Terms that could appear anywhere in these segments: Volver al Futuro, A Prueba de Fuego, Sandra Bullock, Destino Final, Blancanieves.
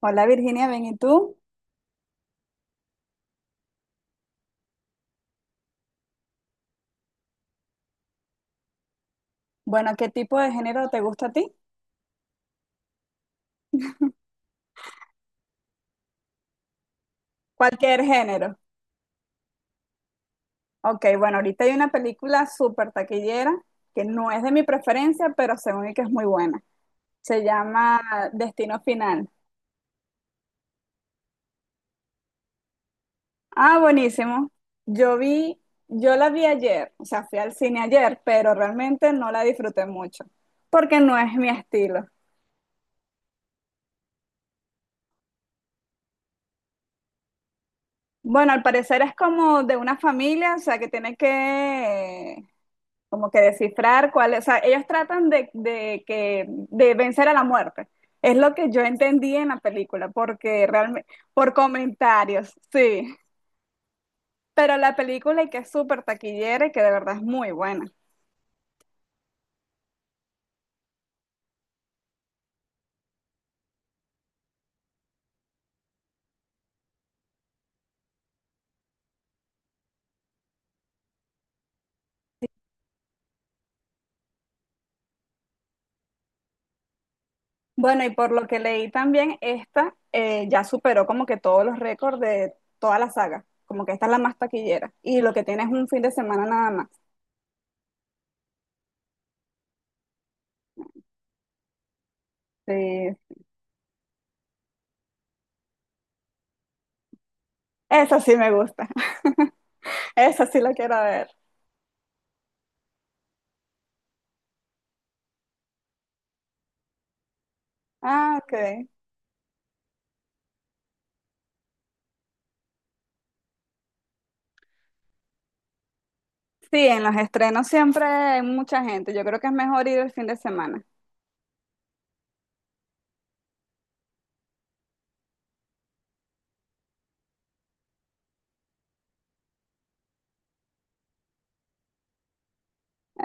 Hola Virginia, bien, ¿y tú? Bueno, ¿qué tipo de género te gusta a ti? Cualquier género. Ok, bueno, ahorita hay una película súper taquillera que no es de mi preferencia, pero según y que es muy buena. Se llama Destino Final. Ah, buenísimo. Yo vi, yo la vi ayer, o sea, fui al cine ayer, pero realmente no la disfruté mucho, porque no es mi estilo. Bueno, al parecer es como de una familia, o sea, que tiene que como que descifrar cuál es, o sea, ellos tratan de vencer a la muerte. Es lo que yo entendí en la película, porque realmente, por comentarios, sí. Pero la película y que es súper taquillera y que de verdad es muy buena. Bueno, y por lo que leí también, esta ya superó como que todos los récords de toda la saga. Como que esta es la más taquillera. Y lo que tiene es un fin de semana nada más. Sí. Esa sí me gusta. Esa sí la quiero ver. Ah, ok. Sí, en los estrenos siempre hay mucha gente. Yo creo que es mejor ir el fin de semana.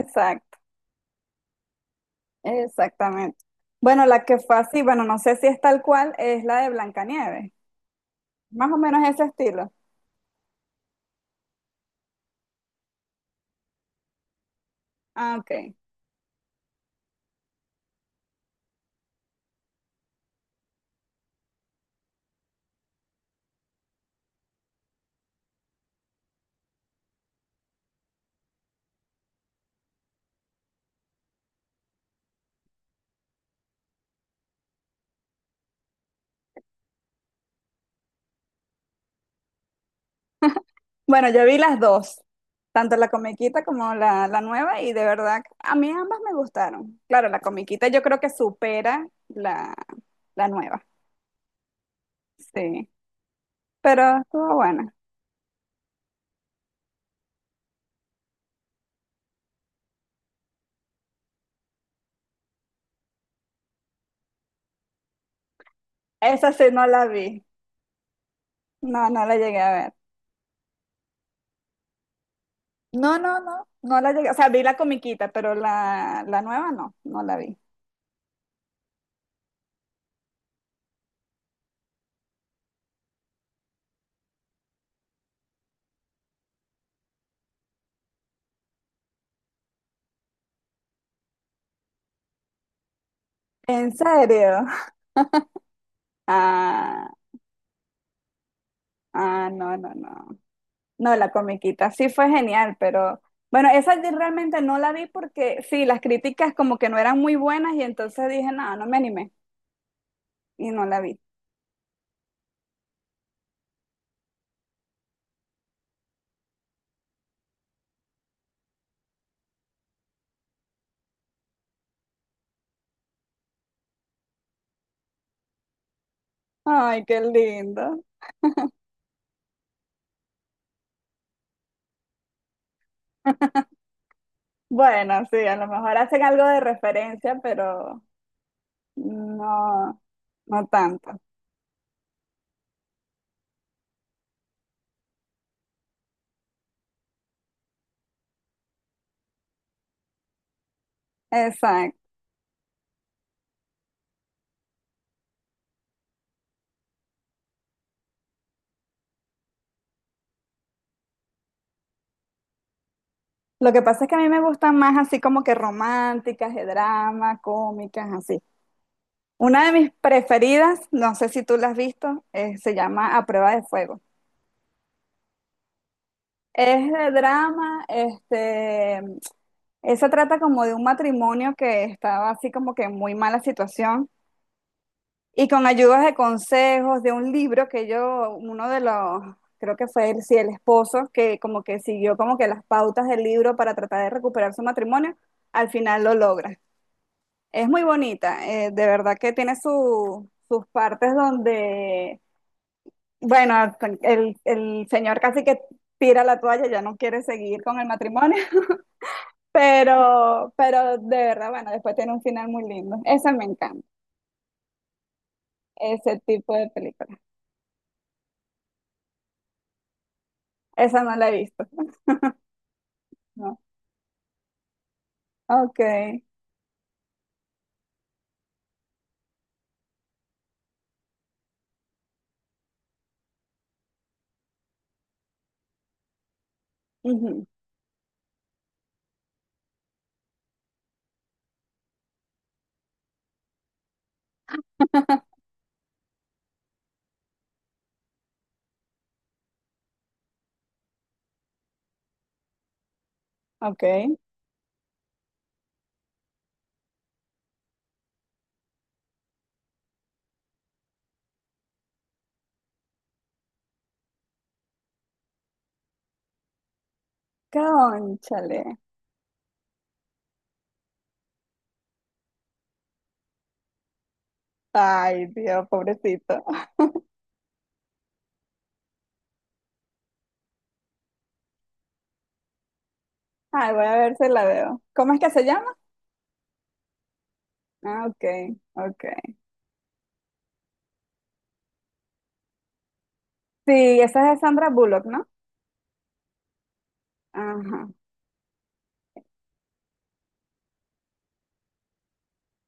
Exacto, exactamente. Bueno, la que fue así, bueno, no sé si es tal cual, es la de Blancanieves. Más o menos ese estilo. Ah, ok. Bueno, yo vi las dos, tanto la comiquita como la nueva, y de verdad, a mí ambas me gustaron. Claro, la comiquita yo creo que supera la nueva. Sí, pero estuvo buena. Esa sí no la vi. No, no la llegué a ver. No, no, no, no la llegué, o sea, vi la comiquita, pero la nueva no, no la vi. ¿En serio? Ah, ah, no, no, no. No, la comiquita sí fue genial, pero bueno, esa yo realmente no la vi porque sí, las críticas como que no eran muy buenas y entonces dije, no, no me animé y no la vi. Ay, qué lindo. Bueno, sí, a lo mejor hacen algo de referencia, pero no, no tanto. Exacto. Lo que pasa es que a mí me gustan más así como que románticas, de drama, cómicas, así. Una de mis preferidas, no sé si tú la has visto, se llama A Prueba de Fuego. Es de drama, este, esa trata como de un matrimonio que estaba así como que en muy mala situación y con ayudas de consejos de un libro que yo, uno de los, creo que fue el, sí, el esposo, que como que siguió como que las pautas del libro para tratar de recuperar su matrimonio, al final lo logra. Es muy bonita, de verdad que tiene sus partes donde, bueno, el señor casi que tira la toalla, ya no quiere seguir con el matrimonio, pero de verdad, bueno, después tiene un final muy lindo. Esa me encanta, ese tipo de película. Esa no la he visto, ¿no? Ok, ujú, ok. Cónchale. Ay, Dios, pobrecito. Ay, voy a ver si la veo. ¿Cómo es que se llama? Ah, ok, ok. Sí, esa es de Sandra Bullock, ¿no? Ajá,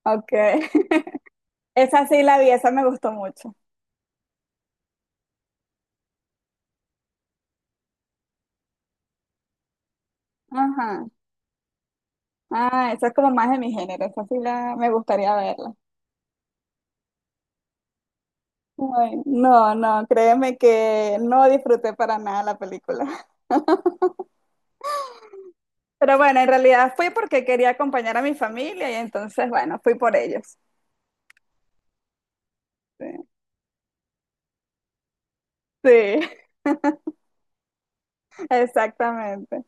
okay. Esa sí la vi, esa me gustó mucho. Ajá. Ah, esa es como más de mi género, esa sí la me gustaría verla. Ay, no, no, créeme que no disfruté para nada la película. Pero bueno, en realidad fui porque quería acompañar a mi familia y entonces, bueno, fui por ellos. Sí, sí, exactamente.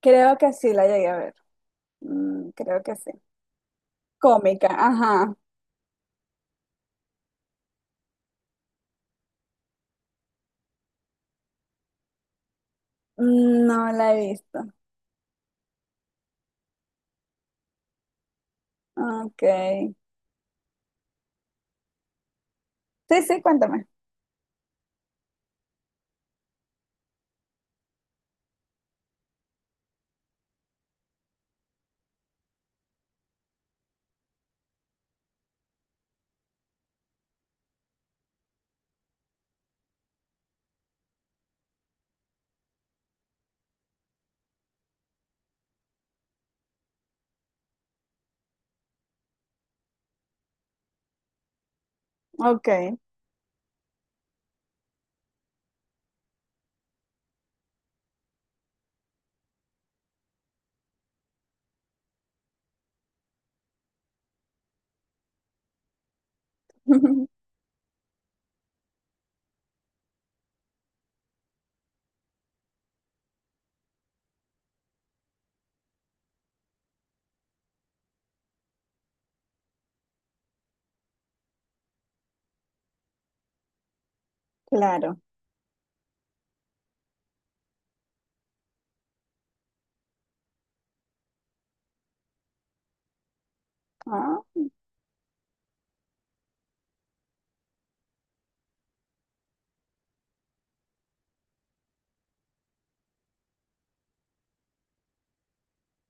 Creo que sí la llegué a ver. Creo que sí. Cómica, ajá. Mm, no la he visto. Ok. Sí, sí, cuéntame. Ok. Claro, ah,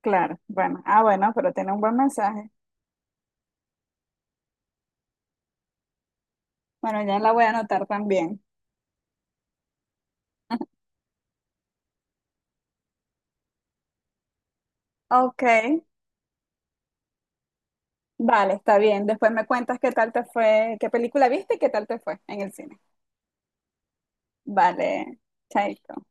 claro. Bueno, ah, bueno, pero tiene un buen mensaje. Bueno, ya la voy a anotar también. Ok, vale, está bien. Después me cuentas qué tal te fue, qué película viste y qué tal te fue en el cine. Vale, chaito.